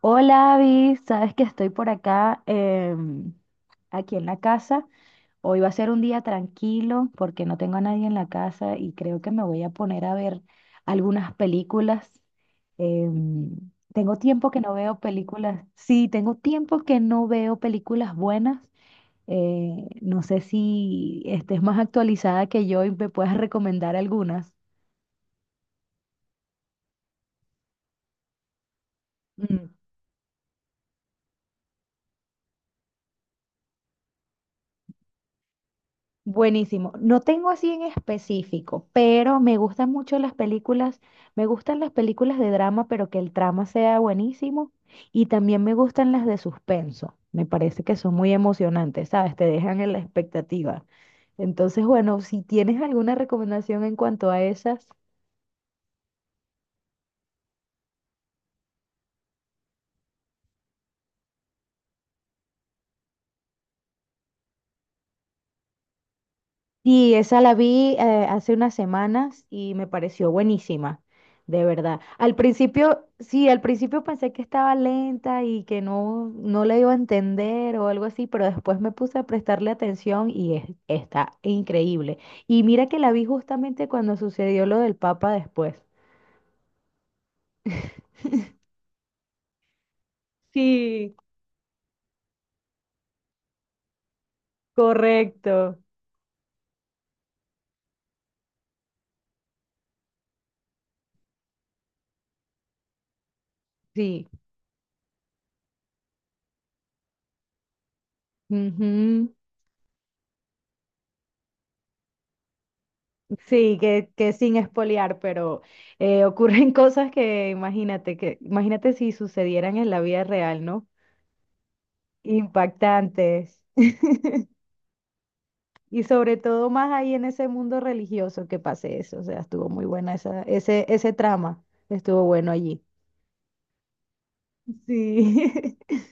Hola, Abby, sabes que estoy por acá, aquí en la casa. Hoy va a ser un día tranquilo porque no tengo a nadie en la casa y creo que me voy a poner a ver algunas películas. Em, Tengo tiempo que no veo películas. Sí, tengo tiempo que no veo películas buenas. No sé si estés más actualizada que yo y me puedas recomendar algunas. Buenísimo. No tengo así en específico, pero me gustan mucho las películas. Me gustan las películas de drama, pero que el trama sea buenísimo. Y también me gustan las de suspenso. Me parece que son muy emocionantes, ¿sabes? Te dejan en la expectativa. Entonces, bueno, si tienes alguna recomendación en cuanto a esas. Y esa la vi hace unas semanas y me pareció buenísima, de verdad. Al principio, sí, al principio pensé que estaba lenta y que no, no la iba a entender o algo así, pero después me puse a prestarle atención y está increíble. Y mira que la vi justamente cuando sucedió lo del Papa después. Sí, correcto. Sí. Ujú. Sí, que sin espolear, pero ocurren cosas que imagínate si sucedieran en la vida real, ¿no? Impactantes. Y sobre todo más ahí en ese mundo religioso que pase eso. O sea, estuvo muy buena esa, ese trama. Estuvo bueno allí. Sí.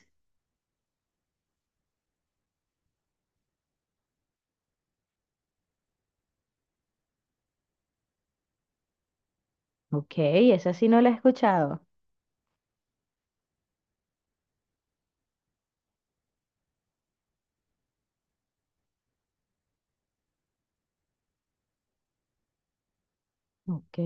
Ok, esa sí no la he escuchado. Ok,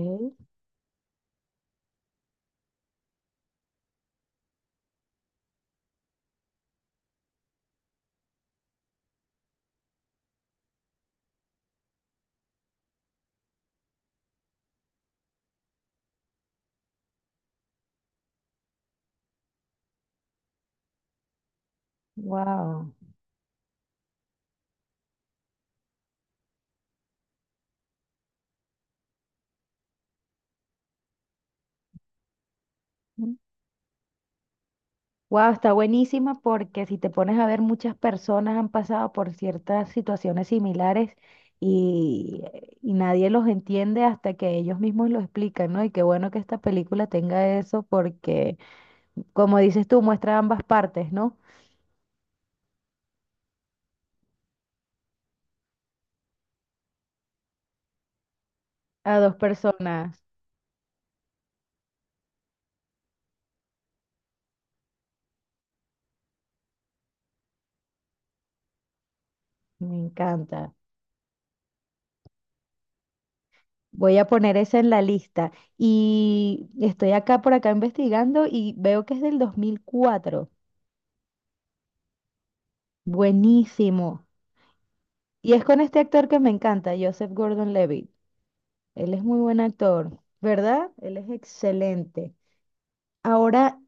wow. Wow, está buenísima porque si te pones a ver, muchas personas han pasado por ciertas situaciones similares y, y nadie los entiende hasta que ellos mismos lo explican, ¿no? Y qué bueno que esta película tenga eso porque, como dices tú, muestra ambas partes, ¿no? A dos personas. Me encanta. Voy a poner esa en la lista. Y estoy acá por acá investigando y veo que es del 2004. Buenísimo. Y es con este actor que me encanta, Joseph Gordon-Levitt. Él es muy buen actor, ¿verdad? Él es excelente. Ahora,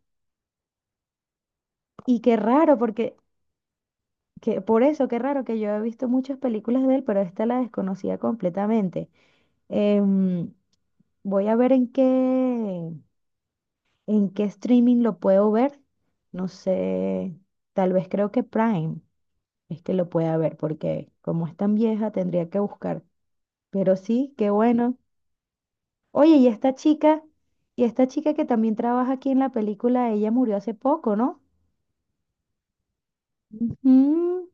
y qué raro, por eso, qué raro que yo he visto muchas películas de él, pero esta la desconocía completamente. Em, Voy a ver en qué streaming lo puedo ver. No sé, tal vez creo que Prime es que lo pueda ver, porque como es tan vieja, tendría que buscar. Pero sí, qué bueno. Oye, y esta chica que también trabaja aquí en la película, ella murió hace poco, ¿no? Ujú,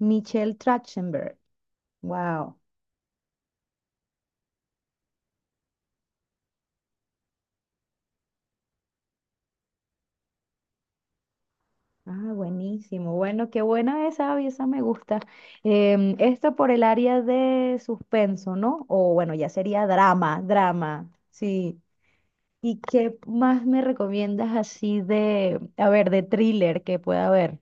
Michelle Trachtenberg. Wow. Ah, buenísimo. Bueno, qué buena esa, y esa me gusta. Esto por el área de suspenso, ¿no? O bueno, ya sería drama, drama. Sí. ¿Y qué más me recomiendas así de, a ver, de thriller que pueda haber?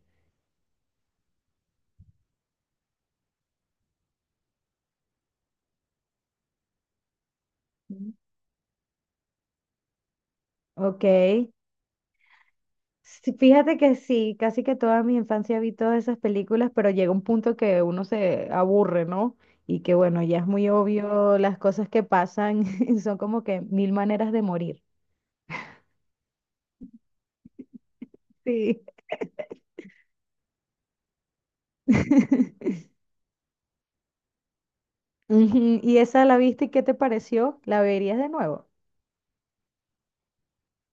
Mm. Ok. Sí, fíjate que sí, casi que toda mi infancia vi todas esas películas, pero llega un punto que uno se aburre, ¿no? Y que bueno, ya es muy obvio las cosas que pasan, y son como que mil maneras de morir. Sí. Ujú, ¿y esa la viste y qué te pareció? ¿La verías de nuevo?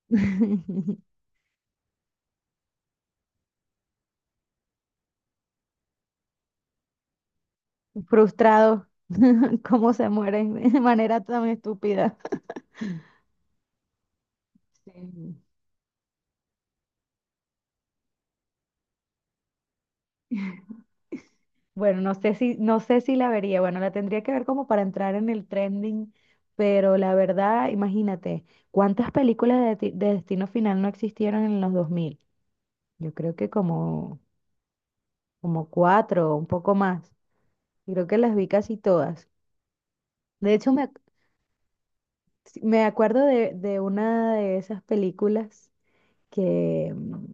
Frustrado, cómo se mueren de manera tan estúpida. Sí. Bueno, no sé si, no sé si la vería. Bueno, la tendría que ver como para entrar en el trending, pero la verdad, imagínate, ¿cuántas películas de Destino Final no existieron en los 2000? Yo creo que como cuatro, un poco más. Y creo que las vi casi todas. De hecho, sí, me acuerdo de una de esas películas que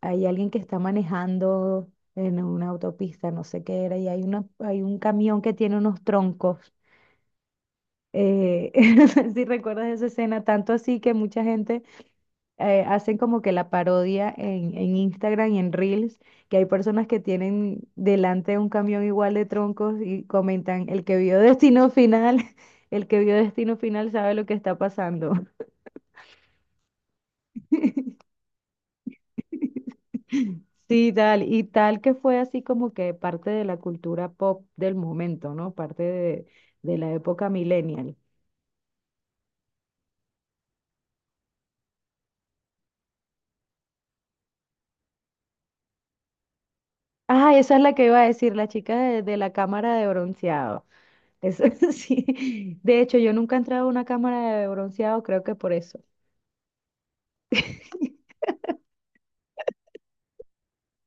hay alguien que está manejando en una autopista, no sé qué era, y hay un camión que tiene unos troncos. Eh, si recuerdas esa escena, tanto así que mucha gente hacen como que la parodia en Instagram y en Reels, que hay personas que tienen delante un camión igual de troncos y comentan, el que vio Destino Final, el que vio Destino Final sabe lo que está pasando. Sí, tal, y tal que fue así como que parte de la cultura pop del momento, ¿no? Parte de la época millennial. Ah, esa es la que iba a decir, la chica de la cámara de bronceado. Eso sí. De hecho, yo nunca he entrado a una cámara de bronceado, creo que por eso.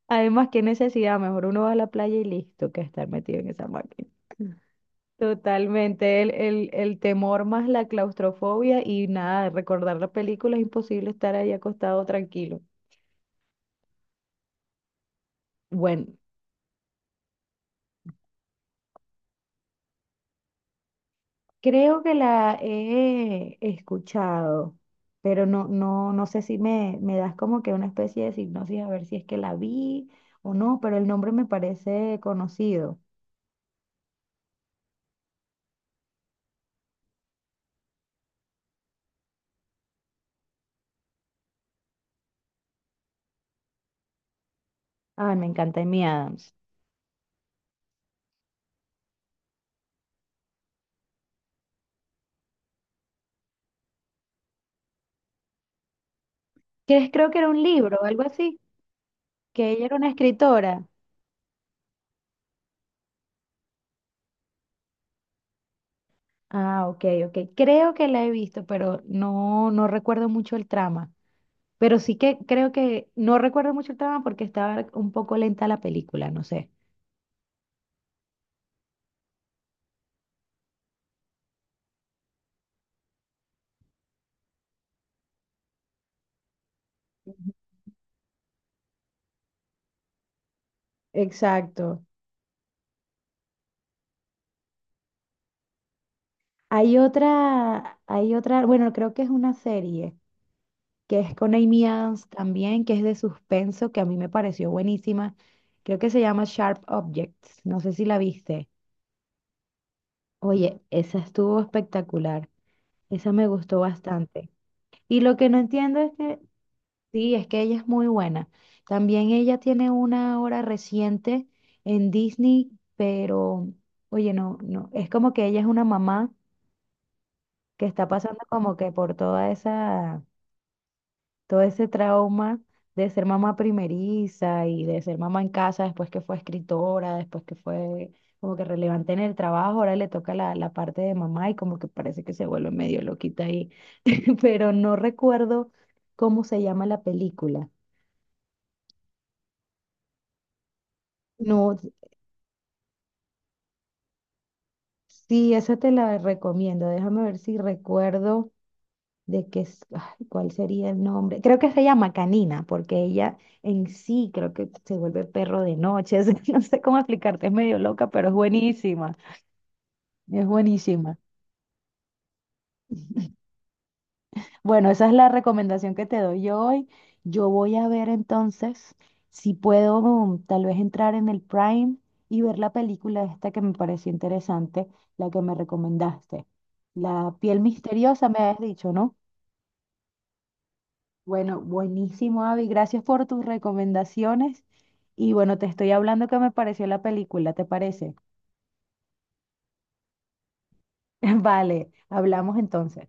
Además, qué necesidad, mejor uno va a la playa y listo, que estar metido en esa máquina. Totalmente, el temor más la claustrofobia y nada, recordar la película es imposible estar ahí acostado tranquilo. Bueno, creo que la he escuchado, pero no, no, no sé si me das como que una especie de hipnosis a ver si es que la vi o no, pero el nombre me parece conocido. Ay, me encanta Amy Adams. Que creo que era un libro, o algo así, que ella era una escritora. Ah, ok, ok. Creo que la he visto, pero no, no recuerdo mucho el trama. Pero sí que creo que no recuerdo mucho el trama porque estaba un poco lenta la película, no sé. Exacto. Hay otra, bueno, creo que es una serie que es con Amy Adams también, que es de suspenso, que a mí me pareció buenísima. Creo que se llama Sharp Objects. No sé si la viste. Oye, esa estuvo espectacular. Esa me gustó bastante. Y lo que no entiendo es que, sí, es que ella es muy buena. También ella tiene una hora reciente en Disney, pero, oye, no, no, es como que ella es una mamá que está pasando como que por toda esa todo ese trauma de ser mamá primeriza y de ser mamá en casa después que fue escritora, después que fue como que relevante en el trabajo, ahora le toca la parte de mamá y como que parece que se vuelve medio loquita ahí, pero no recuerdo cómo se llama la película. No, sí, esa te la recomiendo, déjame ver si recuerdo. Ay, ¿cuál sería el nombre? Creo que se llama Canina, porque ella en sí creo que se vuelve perro de noche. No sé cómo explicarte, es medio loca, pero es buenísima, es buenísima. Bueno, esa es la recomendación que te doy yo hoy. Yo voy a ver entonces si puedo tal vez entrar en el Prime y ver la película esta que me pareció interesante, la que me recomendaste. La piel misteriosa, me habías dicho, ¿no? Bueno, buenísimo, Avi. Gracias por tus recomendaciones. Y bueno, te estoy hablando que me pareció la película, ¿te parece? Vale, hablamos entonces.